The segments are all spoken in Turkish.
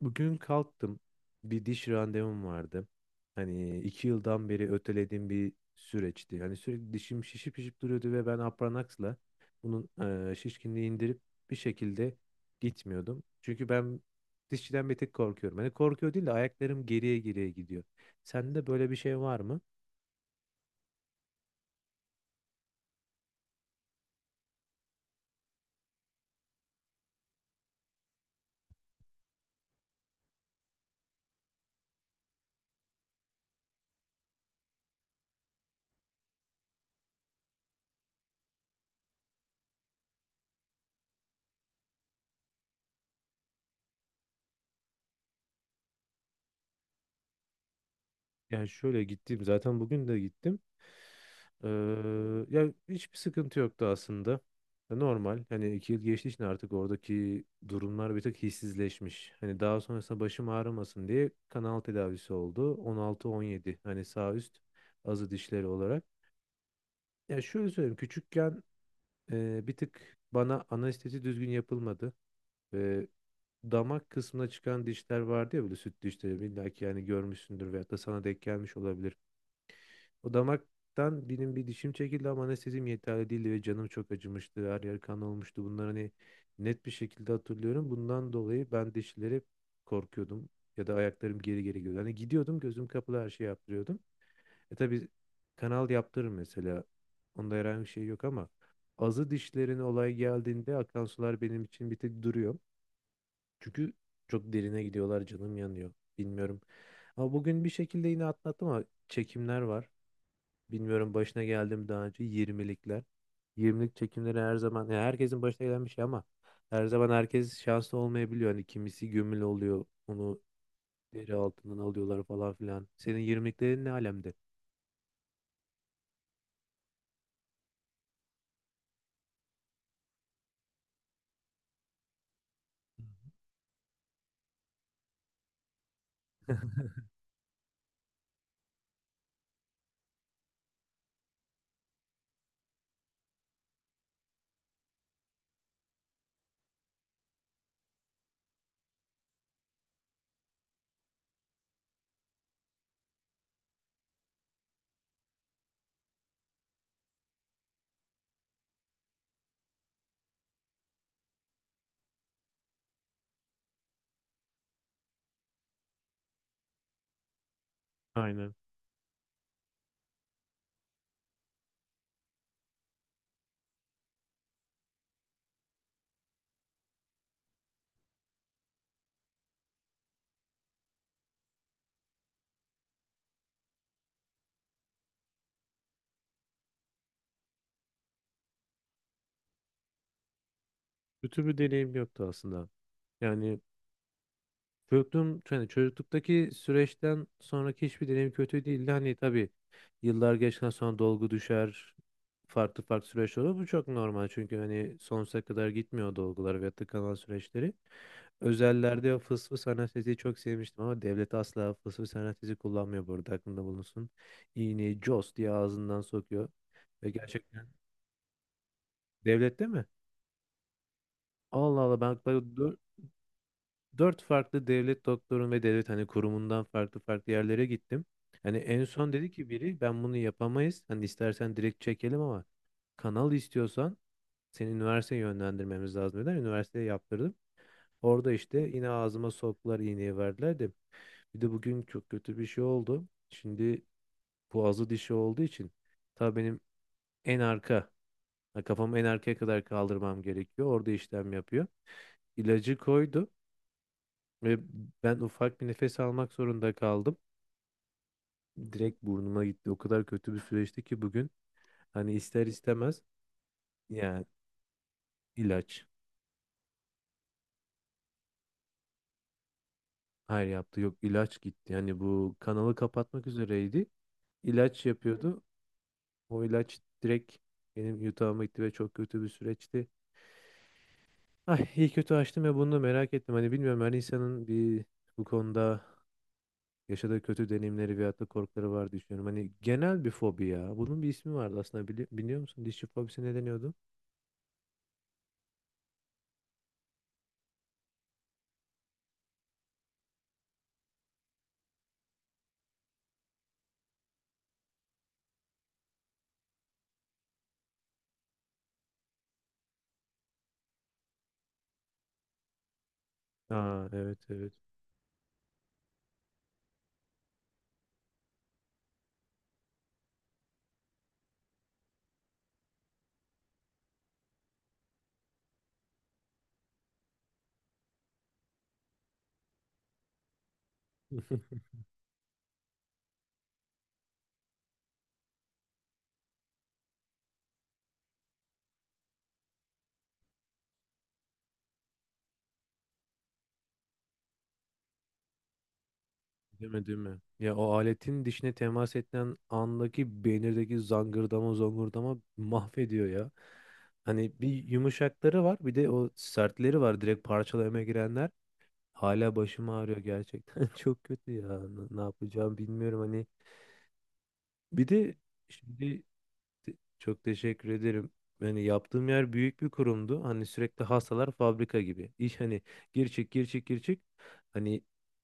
Bugün kalktım. Bir diş randevum vardı. Hani iki yıldan beri ötelediğim bir süreçti. Hani sürekli dişim şişip şişip duruyordu ve ben Apranax'la bunun şişkinliği indirip bir şekilde gitmiyordum. Çünkü ben dişçiden bir tek korkuyorum. Hani korkuyor değil de ayaklarım geriye geriye gidiyor. Sende böyle bir şey var mı? Yani şöyle gittim zaten bugün de gittim. Ee, ya hiçbir sıkıntı yoktu aslında. Normal. Hani iki yıl geçtiği için artık oradaki durumlar bir tık hissizleşmiş. Hani daha sonrasında başım ağrımasın diye kanal tedavisi oldu. 16-17 hani sağ üst azı dişleri olarak. Ya şöyle söyleyeyim küçükken bir tık bana anestezi düzgün yapılmadı. Ve damak kısmına çıkan dişler vardı ya böyle süt dişleri. İlla ki yani görmüşsündür veyahut da sana denk gelmiş olabilir. O damaktan benim bir dişim çekildi ama anestezim yeterli değildi ve canım çok acımıştı. Her yer kan olmuştu. Bunları hani net bir şekilde hatırlıyorum. Bundan dolayı ben dişlere korkuyordum. Ya da ayaklarım geri geri gidiyordu. Hani gidiyordum, gözüm kapalı her şeyi yaptırıyordum. E tabii kanal yaptırır mesela. Onda herhangi bir şey yok ama azı dişlerin olay geldiğinde akan sular benim için bir tek duruyor. Çünkü çok derine gidiyorlar, canım yanıyor. Bilmiyorum. Ama bugün bir şekilde yine atlattım ama çekimler var. Bilmiyorum başına geldim daha önce 20'likler. 20'lik çekimleri her zaman ya herkesin başına gelen bir şey ama her zaman herkes şanslı olmayabiliyor. Hani kimisi gömül oluyor. Onu deri altından alıyorlar falan filan. Senin 20'liklerin ne alemde? Aynen. Kötü bir deneyim yoktu aslında. Yani çocukluğum, yani çocukluktaki süreçten sonraki hiçbir deneyim kötü değildi. Hani tabii yıllar geçtikten sonra dolgu düşer, farklı farklı süreç olur. Bu çok normal çünkü hani sonsuza kadar gitmiyor dolgular ve tıkanan süreçleri. Özellerde o fıs fıs anesteziyi çok sevmiştim ama devlet asla fıs fıs anestezi kullanmıyor, burada aklında bulunsun. İğneyi cos diye ağzından sokuyor ve gerçekten devlette mi? Allah Allah, ben dört farklı devlet doktorun ve devlet hani kurumundan farklı farklı yerlere gittim. Hani en son dedi ki biri, ben bunu yapamayız. Hani istersen direkt çekelim ama kanal istiyorsan seni üniversiteye yönlendirmemiz lazım, dediler. Üniversiteye yaptırdım. Orada işte yine ağzıma soktular, iğneyi verdiler de. Bir de bugün çok kötü bir şey oldu. Şimdi boğazı dişi olduğu için tabii benim en arka ha, kafamı en arkaya kadar kaldırmam gerekiyor. Orada işlem yapıyor. İlacı koydu ve ben ufak bir nefes almak zorunda kaldım. Direkt burnuma gitti. O kadar kötü bir süreçti ki bugün. Hani ister istemez yani ilaç. Hayır yaptı, yok ilaç gitti. Hani bu kanalı kapatmak üzereydi. İlaç yapıyordu. O ilaç direkt benim yutağıma gitti ve çok kötü bir süreçti. Ay iyi kötü açtım ya, bunu da merak ettim. Hani bilmiyorum, her insanın bir bu konuda yaşadığı kötü deneyimleri veyahut da korkuları var diye düşünüyorum. Hani genel bir fobi ya. Bunun bir ismi vardı aslında, biliyor musun? Dişi fobisi ne deniyordu? Aa evet evet. Değil mi, değil mi? Ya o aletin dişine temas edilen andaki beynirdeki zangırdama zongurdama mahvediyor ya. Hani bir yumuşakları var, bir de o sertleri var, direkt parçalamaya girenler. Hala başım ağrıyor gerçekten. Çok kötü ya. Ne yapacağım bilmiyorum hani. Bir de şimdi Te- çok teşekkür ederim. Yani yaptığım yer büyük bir kurumdu. Hani sürekli hastalar fabrika gibi. İş hani gir çık gir çık gir çık. Hani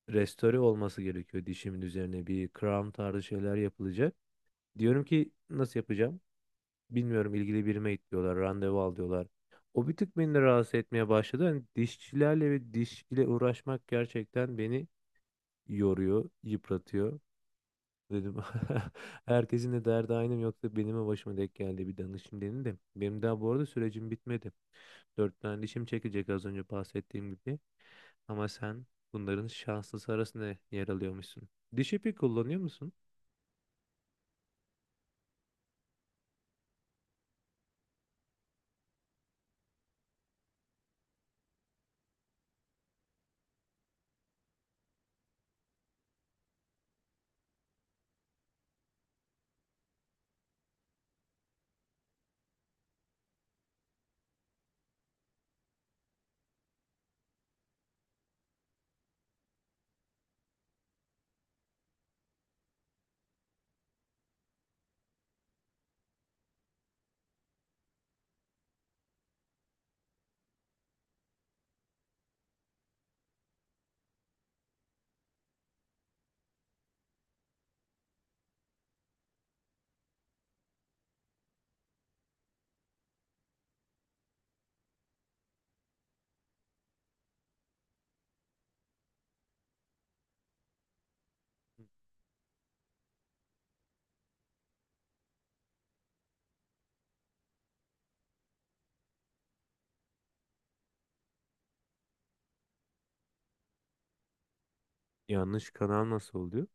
restore olması gerekiyor, dişimin üzerine bir crown tarzı şeyler yapılacak. Diyorum ki nasıl yapacağım? Bilmiyorum, ilgili birime git diyorlar, randevu al diyorlar. O bir tık beni de rahatsız etmeye başladı. Hani dişçilerle ve diş ile uğraşmak gerçekten beni yoruyor, yıpratıyor. Dedim herkesin de derdi aynı mı yoksa benim mi başıma denk geldi, bir danışayım dedim de. Benim daha bu arada sürecim bitmedi. Dört tane dişim çekecek, az önce bahsettiğim gibi. Ama sen bunların şanslısı arasında yer alıyormuşsun. Diş ipi kullanıyor musun? Yanlış kanal nasıl oluyor?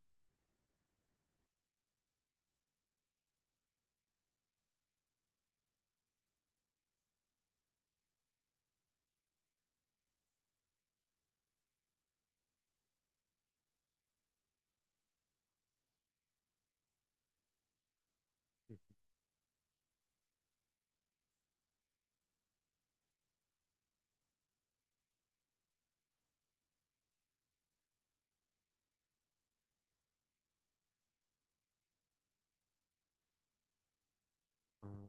Aa,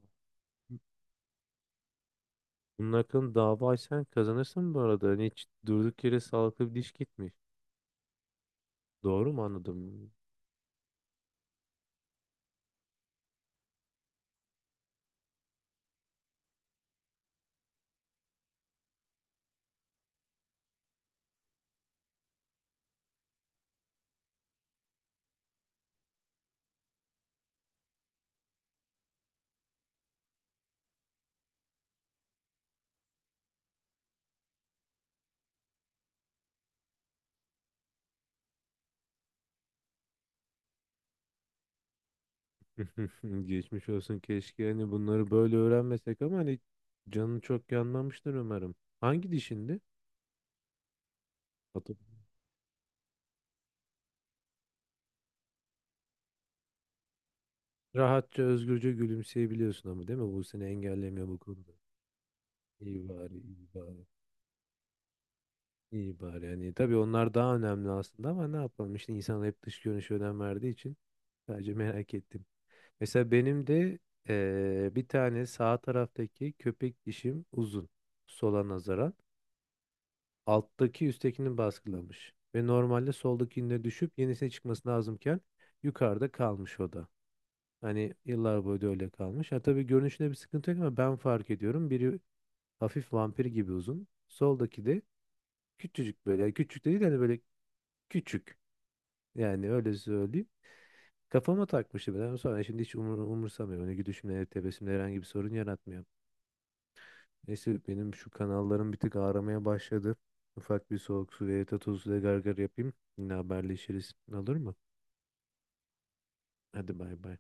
bunun hakkında dava açsan kazanırsın bu arada. Hani hiç durduk yere sağlıklı bir diş gitmiş. Doğru mu anladım? Geçmiş olsun, keşke hani bunları böyle öğrenmesek ama hani canı çok yanmamıştır umarım. Hangi dişindi? Atıp rahatça özgürce gülümseyebiliyorsun ama değil mi? Bu seni engellemiyor bu konuda. İyi bari, iyi bari. İyi bari, yani tabii onlar daha önemli aslında ama ne yapalım, işte insan hep dış görünüşe önem verdiği için sadece merak ettim. Mesela benim de bir tane sağ taraftaki köpek dişim uzun sola nazaran. Alttaki üsttekini baskılamış ve normalde soldakinde düşüp yenisine çıkması lazımken yukarıda kalmış o da. Hani yıllar boyu da öyle kalmış. Ha tabii görünüşünde bir sıkıntı yok ama ben fark ediyorum. Biri hafif vampir gibi uzun. Soldaki de küçücük böyle. Yani küçük de değil hani böyle küçük. Yani öyle söyleyeyim. Kafama takmıştı ben ama sonra şimdi hiç umursamıyorum. Hani gülüşümle, tebessümle herhangi bir sorun yaratmıyor. Neyse, benim şu kanallarım bir tık ağramaya başladı. Ufak bir soğuk su ve tatlı su gargar yapayım. Yine haberleşiriz. Olur mu? Hadi bay bay.